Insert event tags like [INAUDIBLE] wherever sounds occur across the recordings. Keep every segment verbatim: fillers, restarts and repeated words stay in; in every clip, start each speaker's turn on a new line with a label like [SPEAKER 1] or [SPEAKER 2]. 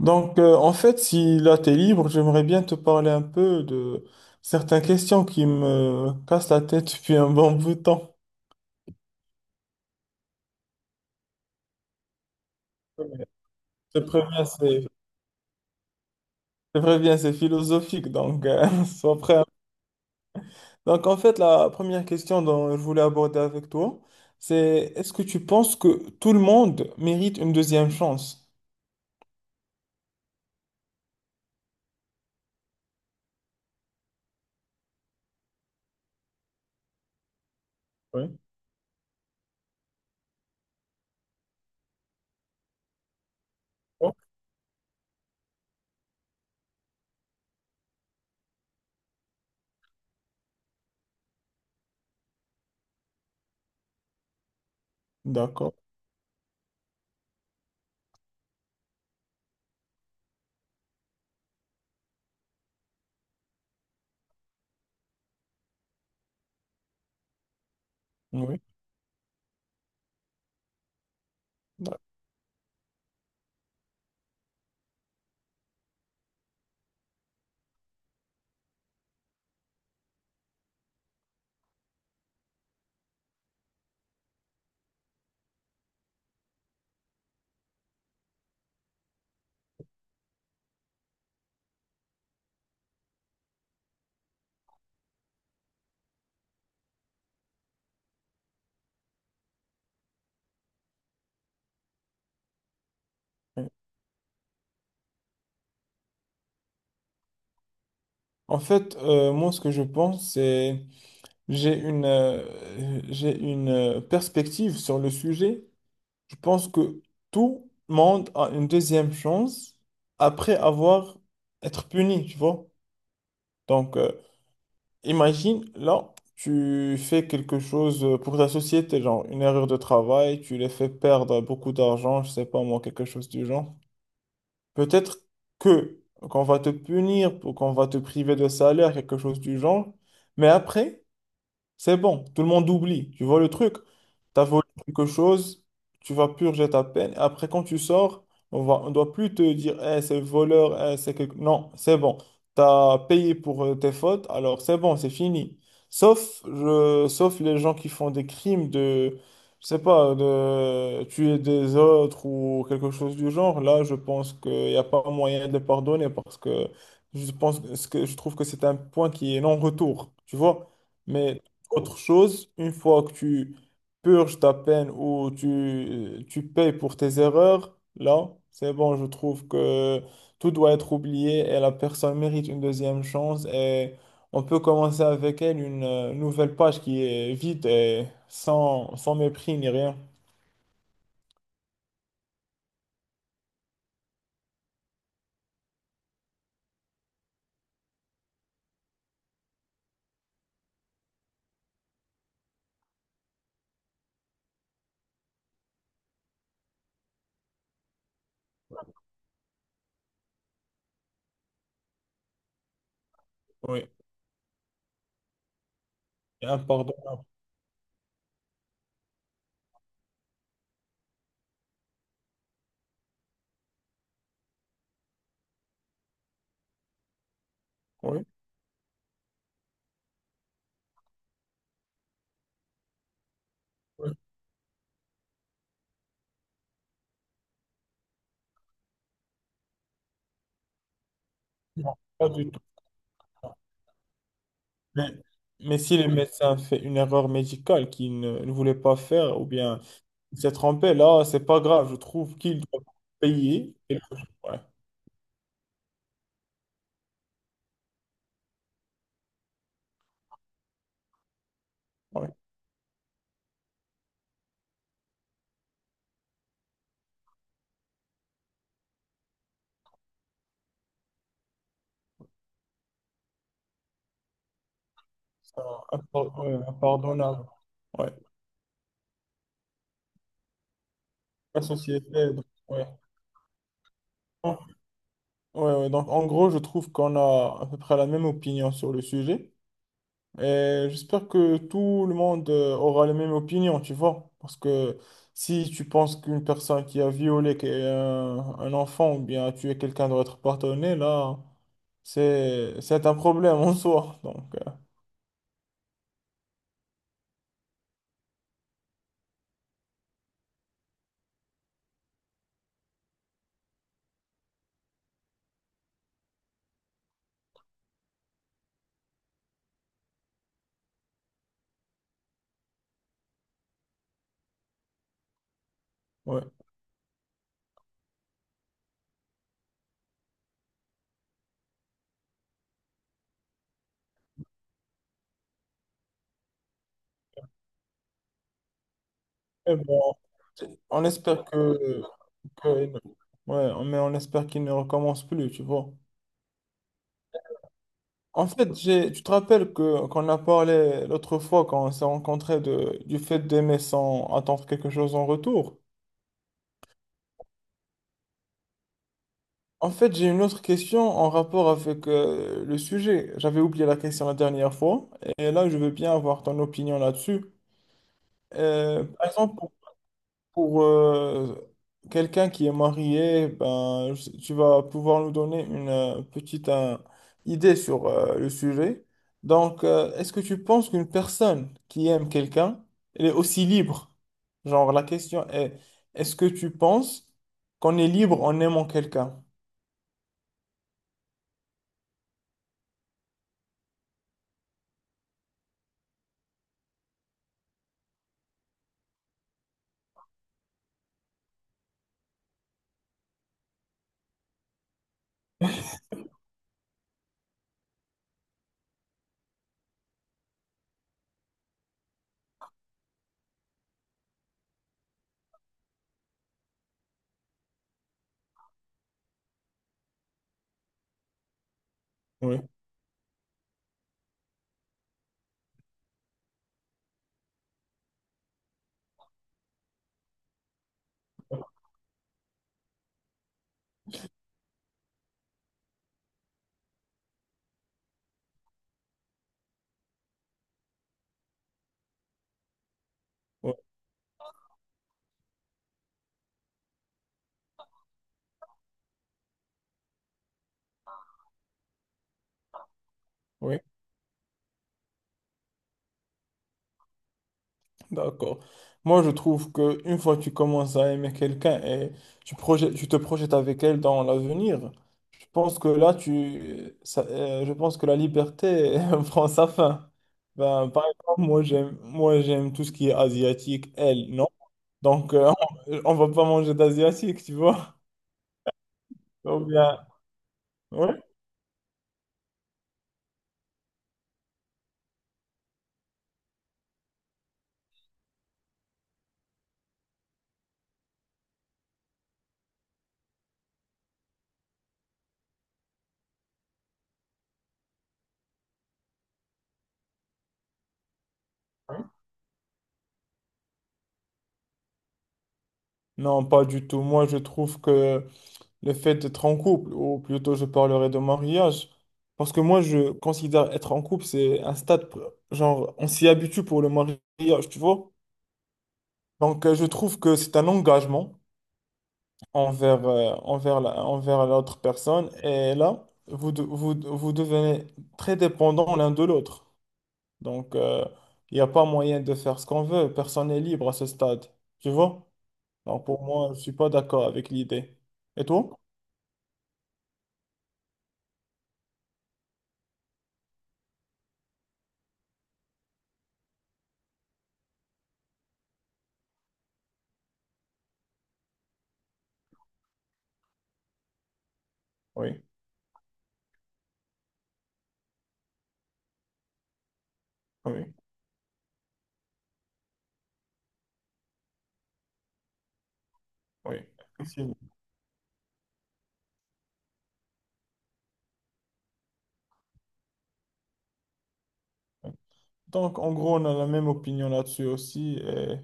[SPEAKER 1] Donc, euh, en fait, si là t'es libre, j'aimerais bien te parler un peu de certaines questions qui me cassent la tête depuis un bon bout de temps. Je te préviens, c'est, je te préviens, c'est philosophique, donc euh, [LAUGHS] sois prêt. Donc, en fait, la première question dont je voulais aborder avec toi, c'est est-ce que tu penses que tout le monde mérite une deuxième chance? Oui. D'accord. Oui. En fait, euh, moi, ce que je pense, c'est J'ai une, euh, j'ai une euh, perspective sur le sujet. Je pense que tout le monde a une deuxième chance après avoir être puni, tu vois. Donc, euh, imagine, là, tu fais quelque chose euh, pour ta société, genre une erreur de travail, tu les fais perdre beaucoup d'argent, je sais pas moi, quelque chose du genre. Peut-être que qu'on va te punir, pour qu'on va te priver de salaire, quelque chose du genre. Mais après c'est bon, tout le monde oublie. Tu vois le truc? T'as volé quelque chose, tu vas purger ta peine. Après, quand tu sors, on va, on doit plus te dire, eh, c'est voleur, eh, c'est quelque... Non, c'est bon. T'as payé pour euh, tes fautes, alors c'est bon, c'est fini. Sauf, je, sauf les gens qui font des crimes de, je sais pas, de tuer des autres ou quelque chose du genre. Là, je pense qu'il n'y a pas moyen de les pardonner parce que je pense que ce que- je trouve que c'est un point qui est non-retour. Tu vois? Mais autre chose, une fois que tu purges ta peine ou tu, tu payes pour tes erreurs, là, c'est bon, je trouve que tout doit être oublié et la personne mérite une deuxième chance et on peut commencer avec elle une euh, nouvelle page qui est vide et sans, sans mépris ni rien. Oui, et impardonnable. Oui. Oui. Non, pas du tout. Mais, mais si le médecin fait une erreur médicale qu'il ne, ne voulait pas faire ou bien il s'est trompé, là, c'est pas grave. Je trouve qu'il doit payer. Ouais, ouais. C'est impar- ouais, impardonnable. Ouais. La société. Donc, ouais. Donc, ouais, ouais. Donc, en gros, je trouve qu'on a à peu près la même opinion sur le sujet. Et j'espère que tout le monde euh, aura la même opinion, tu vois. Parce que si tu penses qu'une personne qui a violé qui- un, un enfant ou bien a tué quelqu'un doit être pardonné là, c'est, c'est un problème en soi. Donc, euh, ouais. Et bon. On espère que, que- ouais, mais on espère qu'il ne recommence plus, tu vois. En fait, j'ai, tu te rappelles que qu'on a parlé l'autre fois quand on s'est rencontrés de, du fait d'aimer sans attendre quelque chose en retour. En fait, j'ai une autre question en rapport avec euh, le sujet. J'avais oublié la question la dernière fois et là, je veux bien avoir ton opinion là-dessus. Euh, par exemple, pour euh, quelqu'un qui est marié, ben, je- tu vas pouvoir nous donner une euh, petite euh, idée sur euh, le sujet. Donc, euh, est-ce que tu penses qu'une personne qui aime quelqu'un, elle est aussi libre? Genre, la question est, est-ce que tu penses qu'on est libre en aimant quelqu'un? Oui, oui, oui. D'accord. Moi, je trouve que une fois que tu commences à aimer quelqu'un et tu projettes, tu te projettes avec elle dans l'avenir, je pense que là, tu, ça- euh, je pense que la liberté [LAUGHS] prend sa fin. Ben, par exemple, moi, j'aime, moi, j'aime tout ce qui est asiatique, elle, non? Donc, euh, [LAUGHS] on va pas manger d'asiatique, tu vois? Ou bien, ouais. Non, pas du tout. Moi, je trouve que le fait d'être en couple, ou plutôt je parlerai de mariage, parce que moi je considère être en couple, c'est un stade, pr- genre on s'y habitue pour le mariage, tu vois. Donc euh, je trouve que c'est un engagement envers, euh, envers la- envers l'autre personne, et là, vous, de- vous, vous devenez très dépendants l'un de l'autre. Donc euh, il n'y a pas moyen de faire ce qu'on veut, personne n'est libre à ce stade, tu vois. Donc pour moi, je ne suis pas d'accord avec l'idée. Et toi? Oui, oui, oui. Donc, en gros, on a la même opinion là-dessus aussi. Et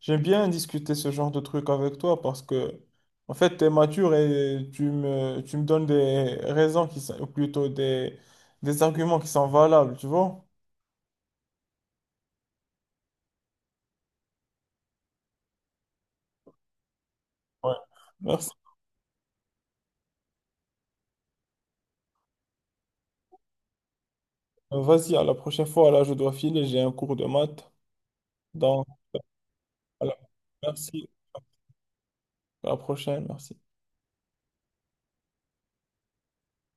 [SPEAKER 1] j'aime bien discuter ce genre de truc avec toi parce que, en fait, tu es mature et tu me, tu me donnes des raisons qui sont, ou plutôt des, des arguments qui sont valables, tu vois? Ouais. Merci. Euh, Vas-y, à la prochaine fois. Là, je dois filer, j'ai un cours de maths. Donc, voilà. Merci. À la prochaine, merci.